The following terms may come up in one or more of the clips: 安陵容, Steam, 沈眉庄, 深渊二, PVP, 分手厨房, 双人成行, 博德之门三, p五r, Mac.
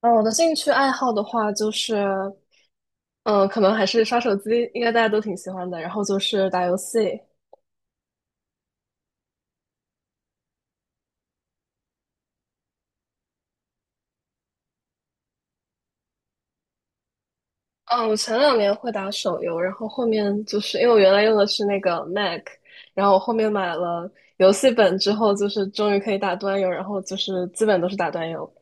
嗯，我的兴趣爱好的话，就是，嗯，可能还是刷手机，应该大家都挺喜欢的。然后就是打游戏，嗯，我前两年会打手游，然后后面就是因为我原来用的是那个 Mac，然后我后面买了游戏本之后，就是终于可以打端游，然后就是基本都是打端游。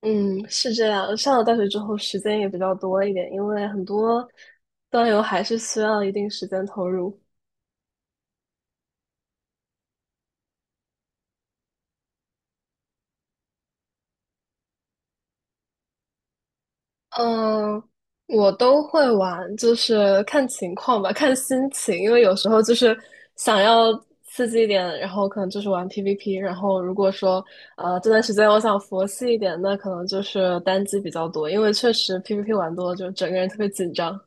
嗯，是这样。上了大学之后，时间也比较多一点，因为很多端游还是需要一定时间投入。嗯，我都会玩，就是看情况吧，看心情，因为有时候就是想要刺激一点，然后可能就是玩 PVP，然后如果说这段时间我想佛系一点，那可能就是单机比较多，因为确实 PVP 玩多了就整个人特别紧张。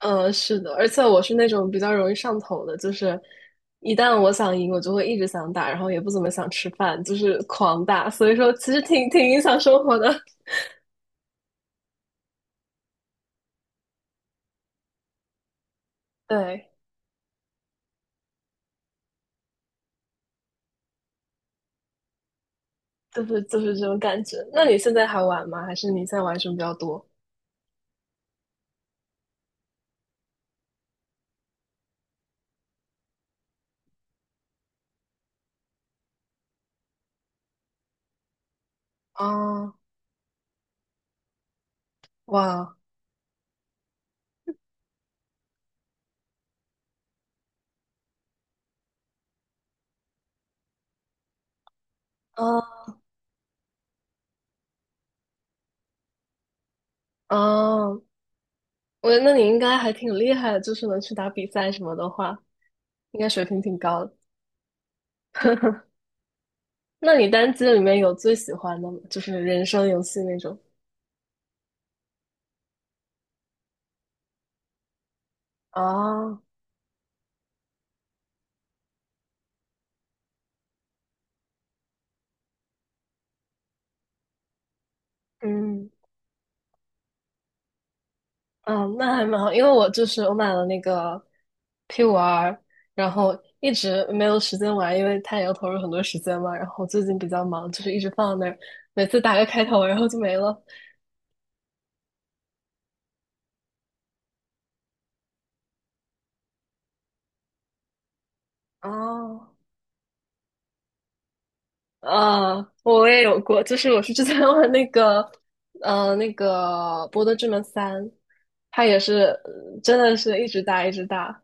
嗯，是的，而且我是那种比较容易上头的，就是一旦我想赢，我就会一直想打，然后也不怎么想吃饭，就是狂打，所以说其实挺影响生活的，对。就是这种感觉。那你现在还玩吗？还是你现在玩什么比较多？啊，哇，啊啊，我觉得那你应该还挺厉害的，就是能去打比赛什么的话，应该水平挺高的。那你单机里面有最喜欢的吗？就是人生游戏那种？啊，嗯嗯，那还蛮好，因为我就是我买了那个 P5R 然后一直没有时间玩，因为它也要投入很多时间嘛。然后最近比较忙，就是一直放在那儿，每次打个开头，然后就没了。哦，我也有过，就是我是之前玩那个，呃，那个《博德之门三》，它也是真的是一直打一直打，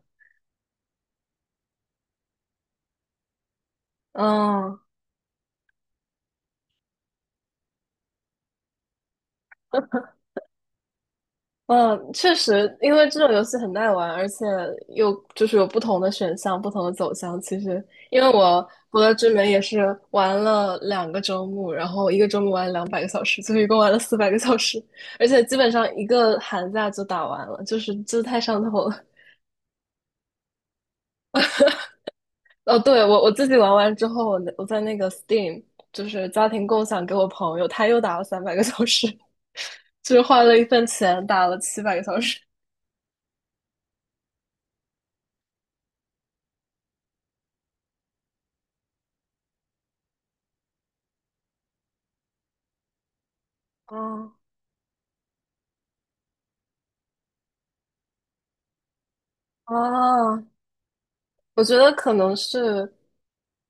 嗯嗯，确实，因为这种游戏很耐玩，而且又就是有不同的选项、不同的走向。其实，因为我《博德之门》也是玩了2个周末，然后一个周末玩两百个小时，所以一共玩了400个小时，而且基本上一个寒假就打完了，就是这太上头了。哦，对，我自己玩完之后，我在那个 Steam 就是家庭共享给我朋友，他又打了300个小时，就是花了一份钱打了700个小时。哦哦，我觉得可能是，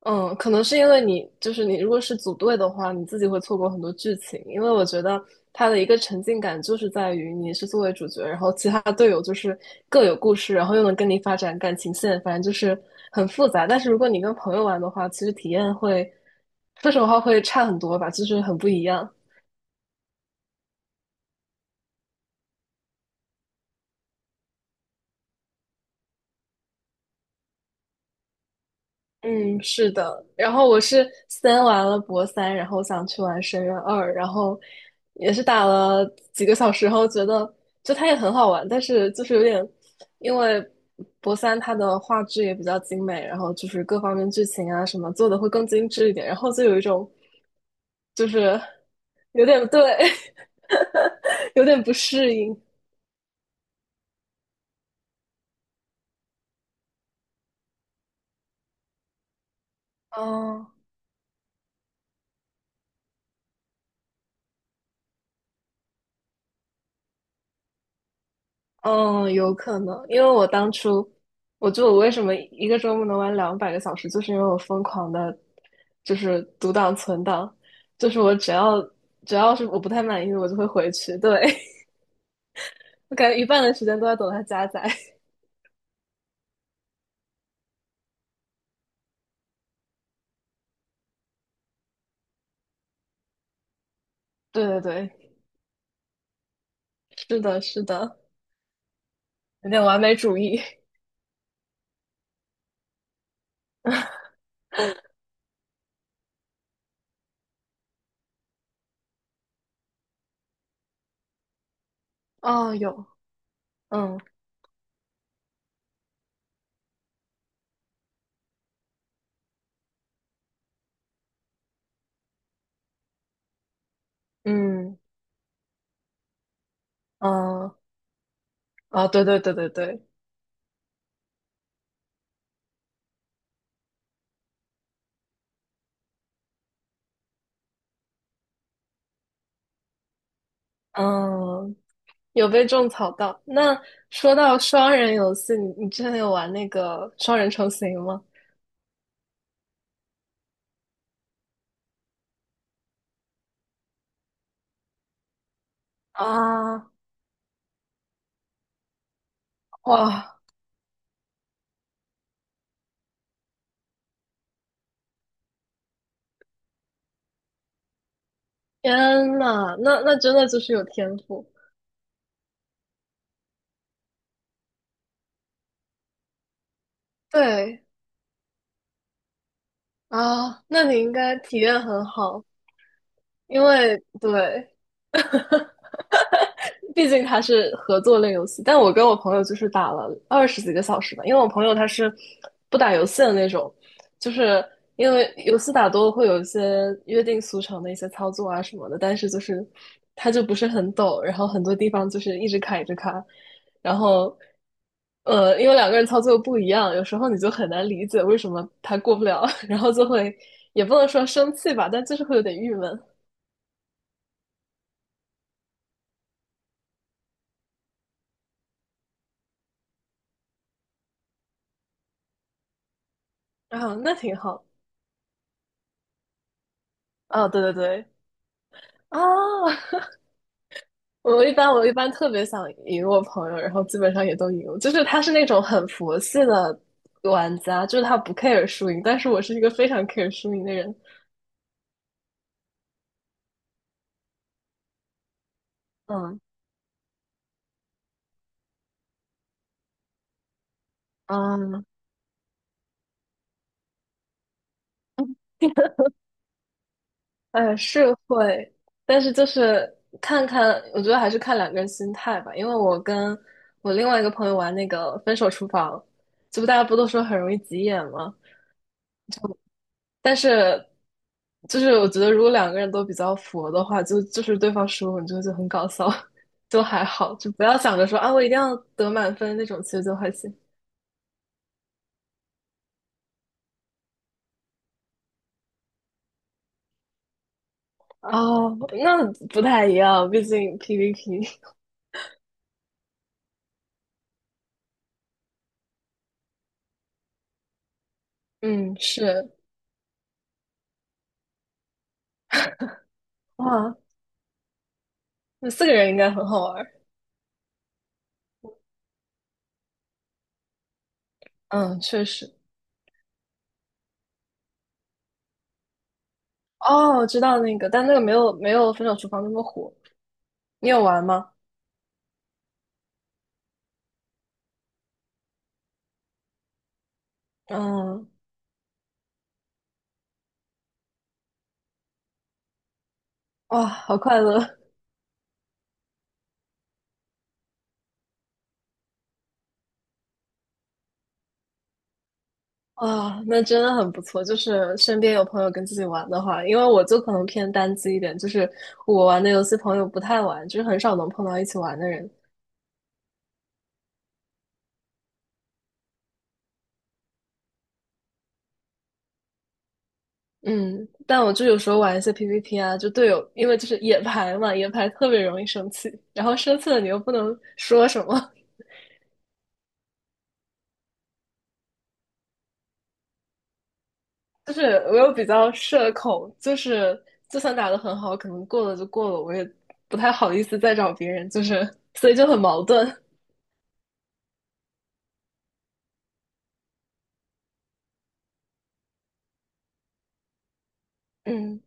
嗯，可能是因为你就是你，如果是组队的话，你自己会错过很多剧情。因为我觉得它的一个沉浸感就是在于你是作为主角，然后其他队友就是各有故事，然后又能跟你发展感情线，反正就是很复杂。但是如果你跟朋友玩的话，其实体验会，说实话会差很多吧，就是很不一样。嗯，是的。然后我是先玩了博三，然后想去玩深渊二，然后也是打了几个小时后，觉得就它也很好玩，但是就是有点，因为博三它的画质也比较精美，然后就是各方面剧情啊什么做的会更精致一点，然后就有一种就是有点对，有点不适应。嗯，有可能，因为我当初，我就我为什么一个周末能玩两百个小时，就是因为我疯狂的，就是读档存档，就是我只要是我不太满意的，我就会回去。对，我感觉一半的时间都在等它加载。对对对，是的，是的，有点完美主义。哦，有，嗯嗯嗯，哦，对对对对对，嗯，有被种草到。那说到双人游戏，你之前有玩那个双人成行吗？啊，哇，天呐，那真的就是有天赋。对啊，那你应该体验很好，因为对，毕竟它是合作类游戏，但我跟我朋友就是打了二十几个小时吧，因为我朋友他是不打游戏的那种，就是因为游戏打多了会有一些约定俗成的一些操作啊什么的，但是就是他就不是很懂，然后很多地方就是一直卡一直卡，然后因为两个人操作不一样，有时候你就很难理解为什么他过不了，然后就会也不能说生气吧，但就是会有点郁闷啊，那挺好啊，对对对啊。我一般特别想赢我朋友，然后基本上也都赢。就是他是那种很佛系的玩家，就是他不 care 输赢，但是我是一个非常 care 输赢的人。嗯嗯，哎，是会，但是就是看看，我觉得还是看两个人心态吧。因为我跟我另外一个朋友玩那个《分手厨房》，这不大家不都说很容易急眼吗？但是就是我觉得如果两个人都比较佛的话，就是对方输了，你就很搞笑，就还好，就不要想着说啊我一定要得满分那种，其实就还行。哦，那不太一样，毕竟 PVP。嗯，是哇，那四个人应该很好玩儿嗯，确实。哦，知道那个，但那个没有没有《分手厨房》那么火。你有玩吗？嗯，哇，好快乐。啊，那真的很不错。就是身边有朋友跟自己玩的话，因为我就可能偏单机一点，就是我玩的游戏朋友不太玩，就是很少能碰到一起玩的人。嗯，但我就有时候玩一些 PVP 啊，就队友，因为就是野排嘛，野排特别容易生气，然后生气了你又不能说什么，就是我又比较社恐，就是就算打得很好，可能过了就过了，我也不太好意思再找别人，就是所以就很矛盾。嗯，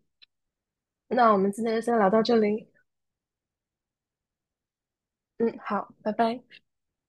那我们今天先聊到这里。嗯，好，拜拜。